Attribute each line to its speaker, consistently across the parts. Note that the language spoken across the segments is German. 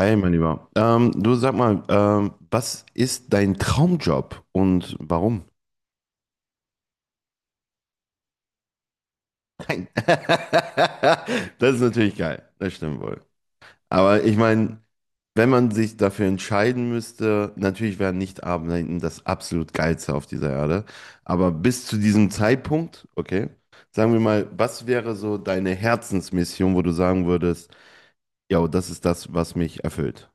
Speaker 1: Hi, mein Lieber. Du sag mal, was ist dein Traumjob und warum? Nein. Das ist natürlich geil, das stimmt wohl. Aber ich meine, wenn man sich dafür entscheiden müsste, natürlich wäre nicht arbeiten das absolut Geilste auf dieser Erde. Aber bis zu diesem Zeitpunkt, okay, sagen wir mal, was wäre so deine Herzensmission, wo du sagen würdest, ja, das ist das, was mich erfüllt?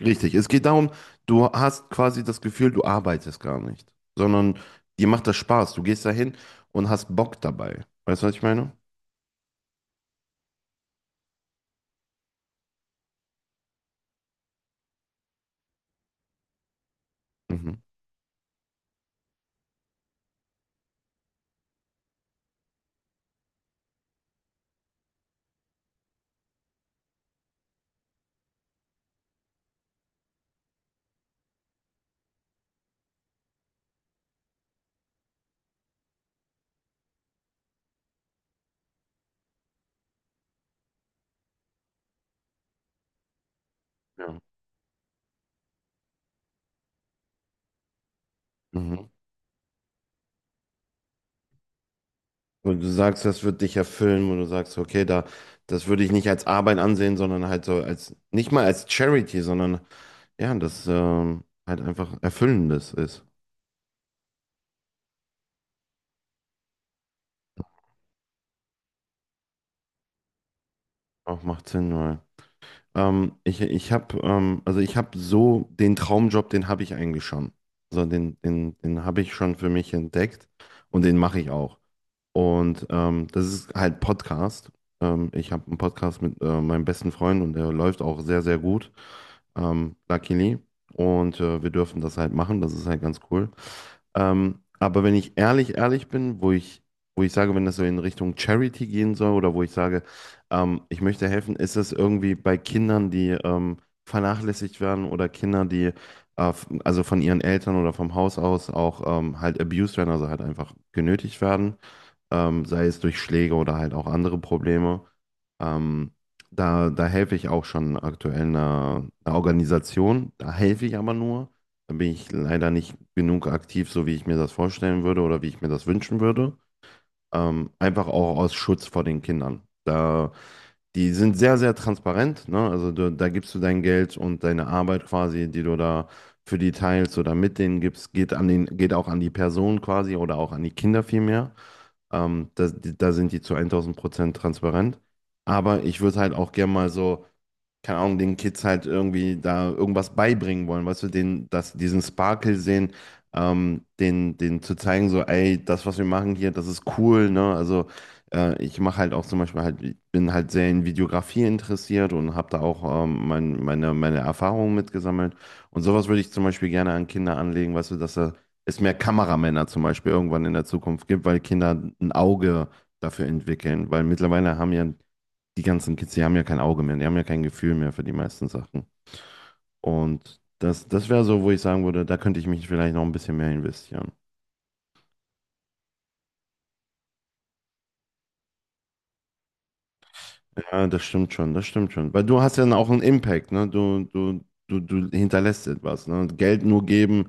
Speaker 1: Richtig, es geht darum, du hast quasi das Gefühl, du arbeitest gar nicht, sondern dir macht das Spaß. Du gehst dahin und hast Bock dabei. Weißt du, was ich meine? Mhm. Ja. Mhm. Und du sagst, das wird dich erfüllen, und du sagst, okay, da, das würde ich nicht als Arbeit ansehen, sondern halt so als, nicht mal als Charity, sondern ja, das halt einfach Erfüllendes ist. Auch macht Sinn, weil. Ich habe also ich habe so den Traumjob, den habe ich eigentlich schon. Also den habe ich schon für mich entdeckt und den mache ich auch. Und das ist halt Podcast. Ich habe einen Podcast mit meinem besten Freund und der läuft auch sehr, sehr gut, luckily. Und wir dürfen das halt machen, das ist halt ganz cool. Aber wenn ich ehrlich, ehrlich bin, wo ich sage, wenn das so in Richtung Charity gehen soll oder wo ich sage, ich möchte helfen, ist das irgendwie bei Kindern, die vernachlässigt werden oder Kinder, die also von ihren Eltern oder vom Haus aus auch halt abused werden, also halt einfach genötigt werden sei es durch Schläge oder halt auch andere Probleme. Ähm, da helfe ich auch schon aktuell einer Organisation. Da helfe ich aber nur. Da bin ich leider nicht genug aktiv, so wie ich mir das vorstellen würde oder wie ich mir das wünschen würde. Einfach auch aus Schutz vor den Kindern. Da, die sind sehr, sehr transparent, ne? Also du, da gibst du dein Geld und deine Arbeit quasi, die du da für die teilst oder mit denen gibst, geht an geht auch an die Person quasi oder auch an die Kinder vielmehr. Da sind die zu 1000% transparent. Aber ich würde halt auch gerne mal so keine Ahnung, den Kids halt irgendwie da irgendwas beibringen wollen, weißt du, den, dass diesen Sparkle sehen, den zu zeigen, so, ey, das, was wir machen hier, das ist cool, ne? Also ich mache halt auch zum Beispiel halt, ich bin halt sehr in Videografie interessiert und habe da auch meine Erfahrungen mitgesammelt. Und sowas würde ich zum Beispiel gerne an Kinder anlegen, weißt du, dass da es mehr Kameramänner zum Beispiel irgendwann in der Zukunft gibt, weil Kinder ein Auge dafür entwickeln, weil mittlerweile haben ja die ganzen Kids, die haben ja kein Auge mehr, die haben ja kein Gefühl mehr für die meisten Sachen. Und das wäre so, wo ich sagen würde, da könnte ich mich vielleicht noch ein bisschen mehr investieren. Ja, das stimmt schon, das stimmt schon. Weil du hast ja dann auch einen Impact, ne? Du hinterlässt etwas, ne? Und Geld nur geben,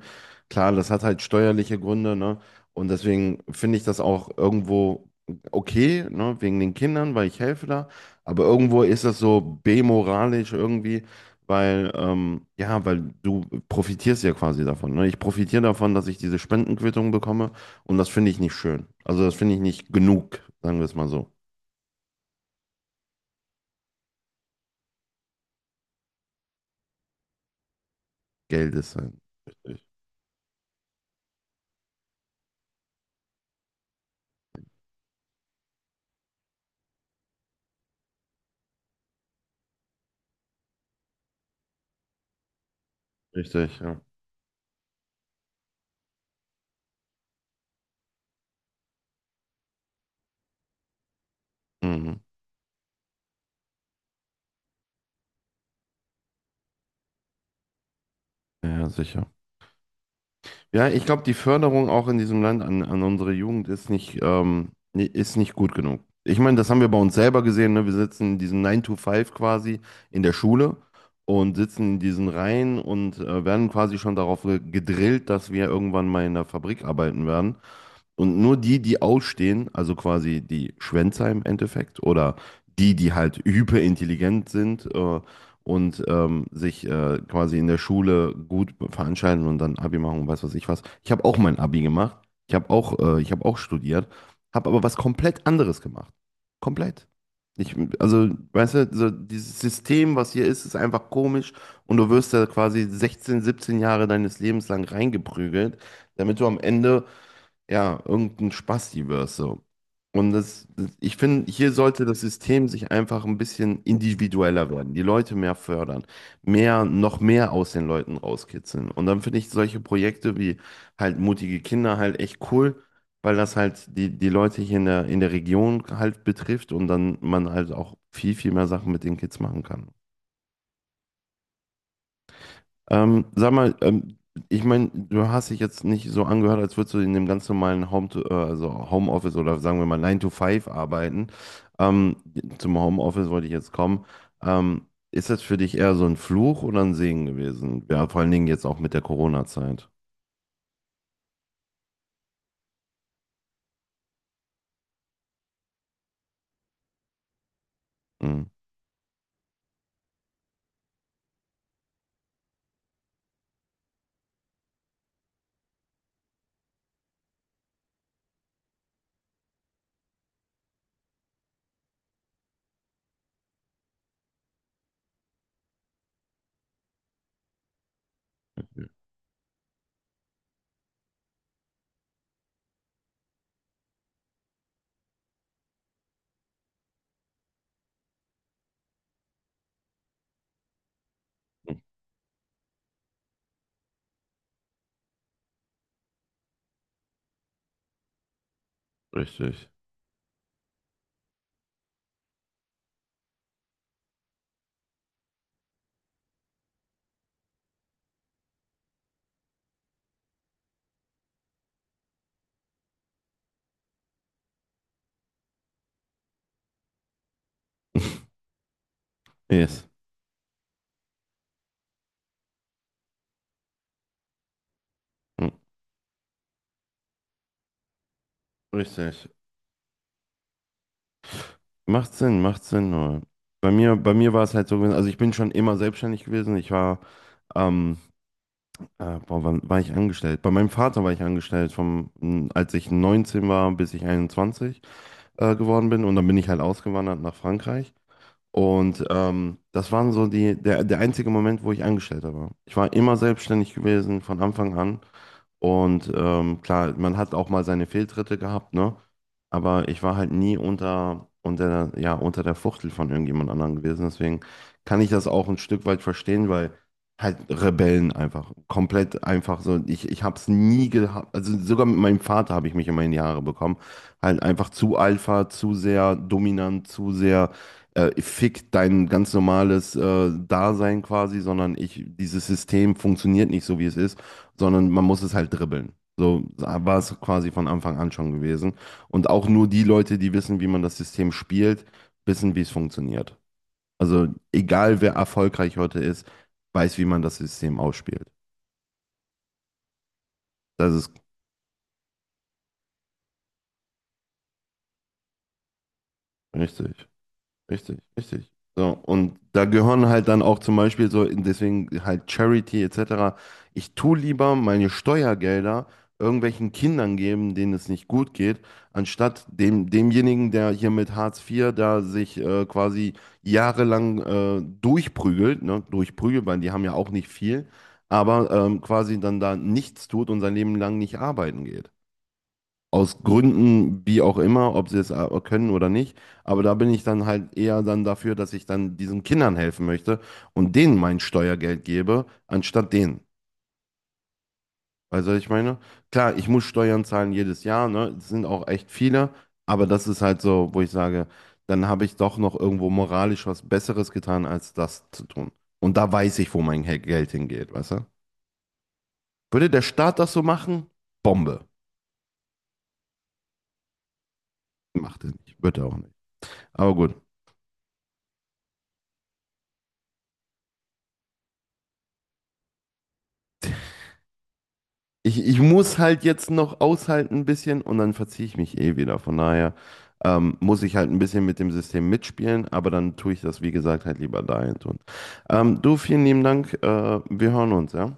Speaker 1: klar, das hat halt steuerliche Gründe, ne? Und deswegen finde ich das auch irgendwo okay, ne? Wegen den Kindern, weil ich helfe da. Aber irgendwo ist das so bemoralisch irgendwie, weil, ja, weil du profitierst ja quasi davon, ne? Ich profitiere davon, dass ich diese Spendenquittung bekomme und das finde ich nicht schön. Also das finde ich nicht genug, sagen wir es mal so. Geld ist halt. Richtig, ja. Mhm. Ja, ja, sicher. Ja, ich glaube, die Förderung auch in diesem Land an unsere Jugend ist nicht, ist nicht gut genug. Ich meine, das haben wir bei uns selber gesehen, ne? Wir sitzen in diesem 9 to Five quasi in der Schule und sitzen in diesen Reihen und werden quasi schon darauf gedrillt, dass wir irgendwann mal in der Fabrik arbeiten werden. Und nur die ausstehen, also quasi die Schwänzer im Endeffekt oder die halt hyperintelligent sind und sich quasi in der Schule gut veranstalten und dann Abi machen und weiß was. Ich habe auch mein Abi gemacht. Ich habe auch studiert, habe aber was komplett anderes gemacht. Komplett. Ich, also, weißt du, so dieses System, was hier ist, ist einfach komisch und du wirst da quasi 16, 17 Jahre deines Lebens lang reingeprügelt, damit du am Ende ja, irgendein Spasti wirst so. Und ich finde, hier sollte das System sich einfach ein bisschen individueller werden, die Leute mehr fördern, noch mehr aus den Leuten rauskitzeln. Und dann finde ich solche Projekte wie halt mutige Kinder halt echt cool, weil das halt die Leute hier in in der Region halt betrifft und dann man halt auch viel, viel mehr Sachen mit den Kids machen kann. Sag mal, ich meine, du hast dich jetzt nicht so angehört, als würdest du in dem ganz normalen also Homeoffice oder sagen wir mal Nine to Five arbeiten. Ähm, zum Homeoffice wollte ich jetzt kommen. Ist das für dich eher so ein Fluch oder ein Segen gewesen? Ja, vor allen Dingen jetzt auch mit der Corona-Zeit. Mhm. Mhm. Richtig. Yes. Mhm. Richtig. Macht Sinn, macht Sinn. Nur. Bei mir war es halt so gewesen, also ich bin schon immer selbstständig gewesen. Ich war ähm, boah, wann war ich angestellt? Bei meinem Vater war ich angestellt, als ich 19 war, bis ich 21 geworden bin. Und dann bin ich halt ausgewandert nach Frankreich. Und das waren so der einzige Moment, wo ich Angestellter war. Ich war immer selbstständig gewesen von Anfang an. Und klar, man hat auch mal seine Fehltritte gehabt, ne? Aber ich war halt nie ja, unter der Fuchtel von irgendjemand anderem gewesen. Deswegen kann ich das auch ein Stück weit verstehen, weil halt Rebellen einfach, komplett einfach so. Ich habe es nie gehabt, also sogar mit meinem Vater habe ich mich immer in die Haare bekommen. Halt einfach zu Alpha, zu sehr dominant, zu sehr fick dein ganz normales Dasein quasi, sondern ich, dieses System funktioniert nicht so, wie es ist sondern man muss es halt dribbeln. So war es quasi von Anfang an schon gewesen. Und auch nur die Leute, die wissen, wie man das System spielt, wissen, wie es funktioniert. Also egal, wer erfolgreich heute ist, weiß, wie man das System ausspielt. Das ist richtig. Richtig, richtig. So, und da gehören halt dann auch zum Beispiel so, deswegen halt Charity etc. Ich tue lieber meine Steuergelder irgendwelchen Kindern geben, denen es nicht gut geht, anstatt dem, demjenigen, der hier mit Hartz IV da sich quasi jahrelang durchprügelt, ne, durchprügelt, weil die haben ja auch nicht viel, aber quasi dann da nichts tut und sein Leben lang nicht arbeiten geht aus Gründen, wie auch immer, ob sie es können oder nicht. Aber da bin ich dann halt eher dann dafür, dass ich dann diesen Kindern helfen möchte und denen mein Steuergeld gebe, anstatt denen. Weißt du, was ich meine? Klar, ich muss Steuern zahlen jedes Jahr, ne? Es sind auch echt viele, aber das ist halt so, wo ich sage, dann habe ich doch noch irgendwo moralisch was Besseres getan, als das zu tun. Und da weiß ich, wo mein Geld hingeht, weißt du? Würde der Staat das so machen? Bombe. Macht er nicht. Wird er auch nicht. Aber gut. Ich muss halt jetzt noch aushalten ein bisschen und dann verziehe ich mich eh wieder. Von daher muss ich halt ein bisschen mit dem System mitspielen, aber dann tue ich das, wie gesagt, halt lieber dahin tun. Du, vielen lieben Dank. Wir hören uns, ja?